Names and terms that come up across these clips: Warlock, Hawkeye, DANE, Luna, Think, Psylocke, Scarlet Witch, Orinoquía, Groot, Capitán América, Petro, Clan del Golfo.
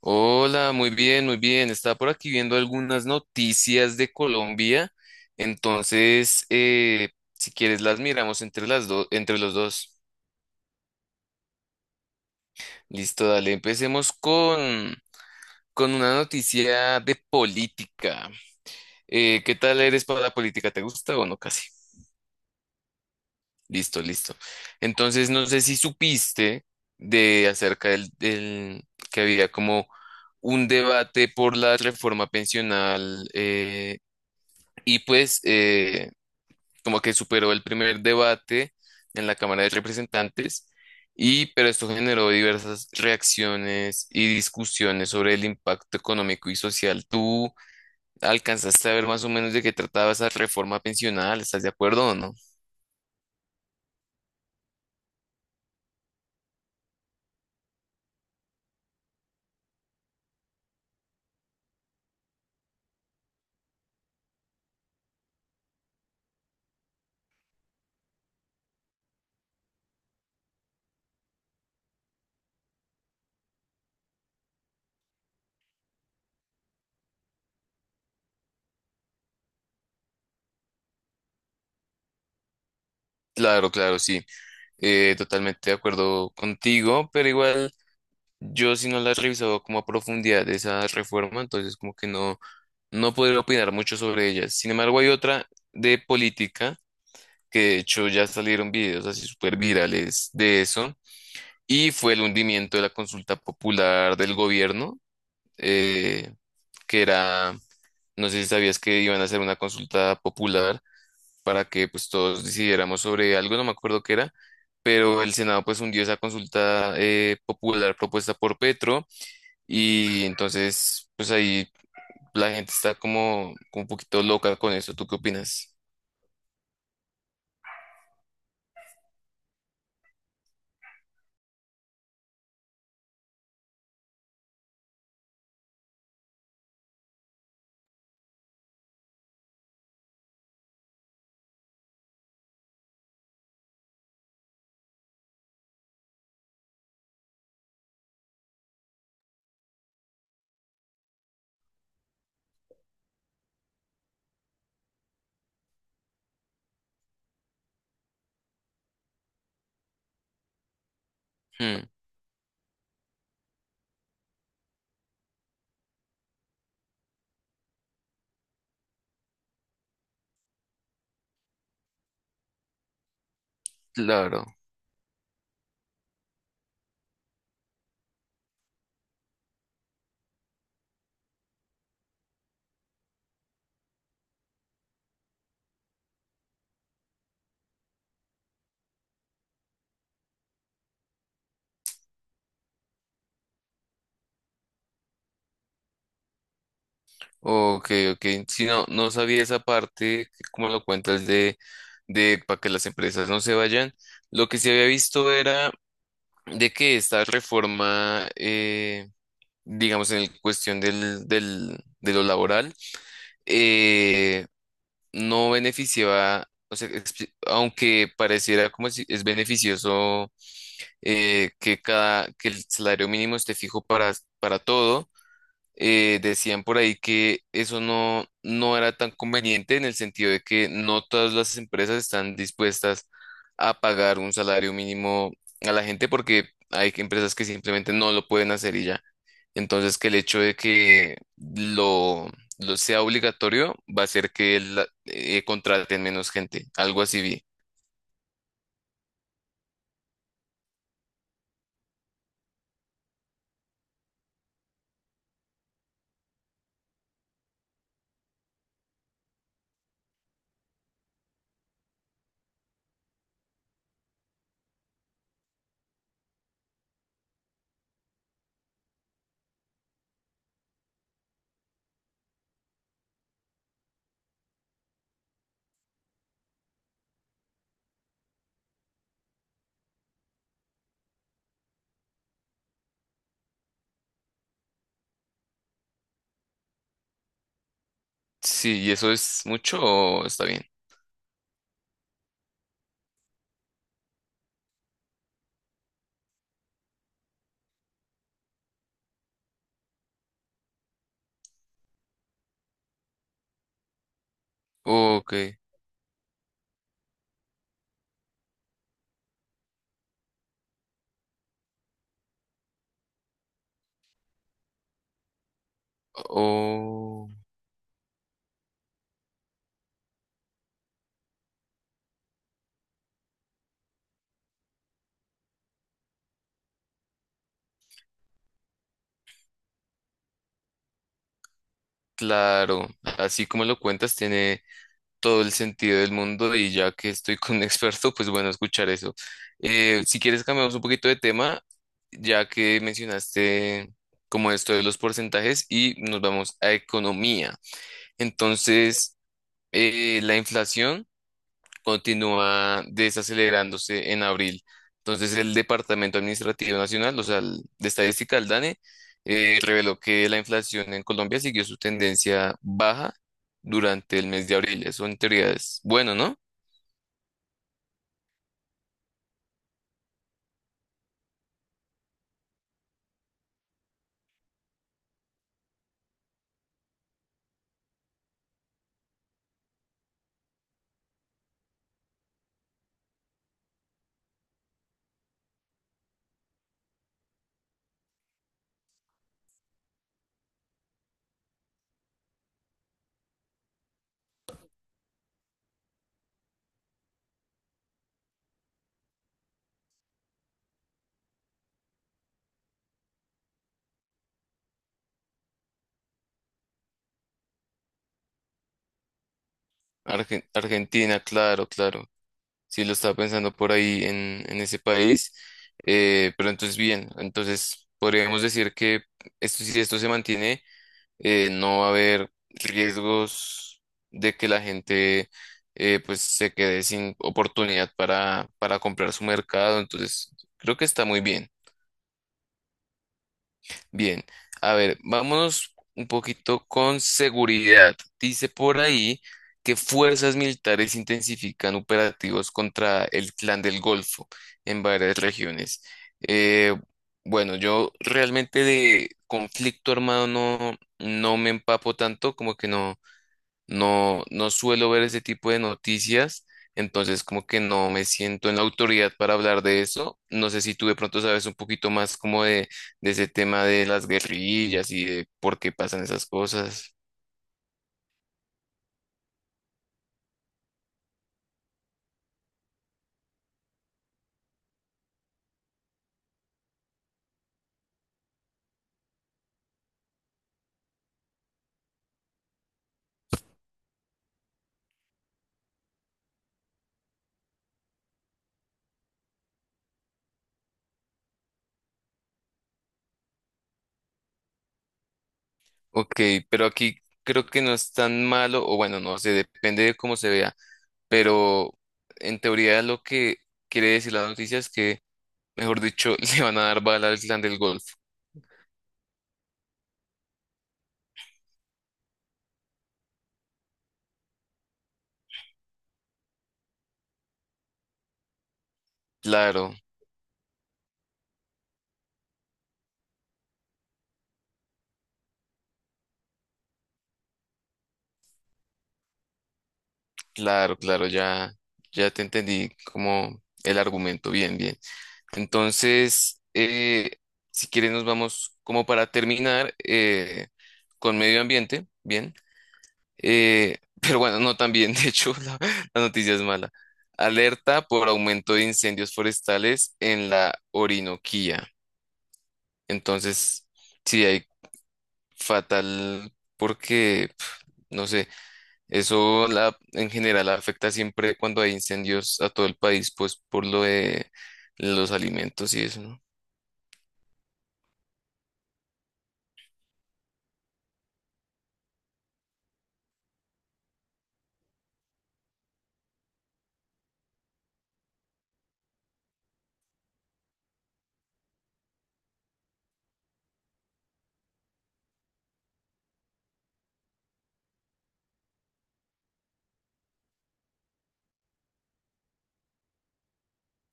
Hola, muy bien, muy bien. Estaba por aquí viendo algunas noticias de Colombia. Entonces, si quieres, las miramos entre las dos, entre los dos. Listo, dale. Empecemos con una noticia de política. ¿Qué tal eres para la política? ¿Te gusta o no? Casi. Listo, listo. Entonces, no sé si supiste de acerca del que había como un debate por la reforma pensional. Y pues como que superó el primer debate en la Cámara de Representantes, y pero esto generó diversas reacciones y discusiones sobre el impacto económico y social. ¿Tú alcanzaste a ver más o menos de qué trataba esa reforma pensional? ¿Estás de acuerdo o no? Claro, claro, sí. Totalmente de acuerdo contigo, pero igual yo si no la he revisado como a profundidad de esa reforma, entonces como que no podré opinar mucho sobre ella. Sin embargo, hay otra de política que de hecho ya salieron videos así súper virales de eso, y fue el hundimiento de la consulta popular del gobierno, eh, que era, no sé si sabías que iban a hacer una consulta popular para que pues todos decidiéramos sobre algo, no me acuerdo qué era, pero el Senado pues hundió esa consulta popular propuesta por Petro y entonces pues ahí la gente está como, como un poquito loca con eso, ¿tú qué opinas? Hmm, claro. Ok, ok. Si no, no sabía esa parte, que como lo cuentas, de para que las empresas no se vayan. Lo que sí había visto era de que esta reforma, digamos, en el cuestión de lo laboral, eh, no beneficiaba, o sea, exp- aunque pareciera como si es beneficioso que cada, que el salario mínimo esté fijo para todo decían por ahí que eso no era tan conveniente en el sentido de que no todas las empresas están dispuestas a pagar un salario mínimo a la gente porque hay que- empresas que simplemente no lo pueden hacer y ya. Entonces, que el hecho de lo sea obligatorio va a hacer que la- contraten menos gente, algo así vi. Sí, ¿y eso es mucho o está bien? Ok, oh, claro, así como lo cuentas, tiene todo el sentido del mundo y ya que estoy con un experto, pues bueno, escuchar eso. Si quieres cambiamos un poquito de tema, ya que mencionaste como esto de los porcentajes y nos vamos a economía. Entonces, la inflación continúa desacelerándose en abril. Entonces, el Departamento Administrativo Nacional, o sea, el de Estadística, el DANE, reveló que la inflación en Colombia siguió su tendencia baja durante el mes de abril. Eso en teoría es bueno, ¿no? Argen- Argentina, claro, claro. Sí, lo estaba pensando por ahí en ese país. Pero entonces, bien, entonces podríamos decir que esto, si esto se mantiene, no va a haber riesgos de que la gente pues se quede sin oportunidad para comprar su mercado. Entonces, creo que está muy bien. Bien, a ver, vámonos un poquito con seguridad. Dice por ahí que fuerzas militares intensifican operativos contra el Clan del Golfo en varias regiones. Eh, bueno, yo realmente de conflicto armado no me empapo tanto, como que no suelo ver ese tipo de noticias, entonces como que no me siento en la autoridad para hablar de eso. No sé si tú de pronto sabes un poquito más como de ese tema de las guerrillas y de por qué pasan esas cosas. Ok, pero aquí creo que no es tan malo, o bueno, no sé, depende de cómo se vea, pero en teoría lo que quiere decir la noticia es que, mejor dicho, le van a dar bala al clan del Golfo. Claro. Claro, claro, ya, ya te entendí como el argumento, bien, bien. Entonces, si quieres nos vamos como para terminar con medio ambiente, bien. Pero bueno, no tan bien, de hecho, la noticia es mala. Alerta por aumento de incendios forestales en la Orinoquía. Entonces, sí, hay fatal porque, pf, no sé. Eso la, en general afecta siempre cuando hay incendios a todo el país, pues por lo de los alimentos y eso, ¿no?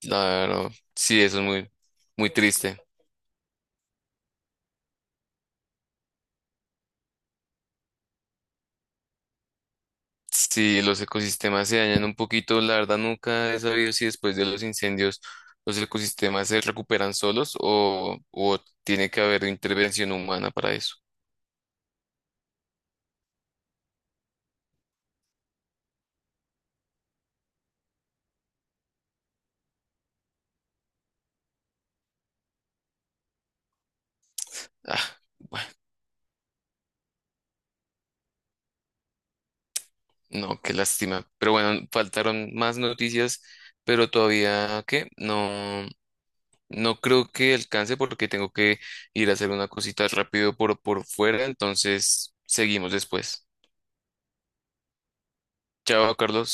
Claro, sí, eso es muy, muy triste. Si los ecosistemas se dañan un poquito, la verdad nunca he sabido si después de los incendios los ecosistemas se recuperan solos o tiene que haber intervención humana para eso. Ah, no, qué lástima. Pero bueno, faltaron más noticias, pero todavía, ¿qué? No. No creo que alcance porque tengo que ir a hacer una cosita rápido por fuera, entonces seguimos después. Chao, Carlos.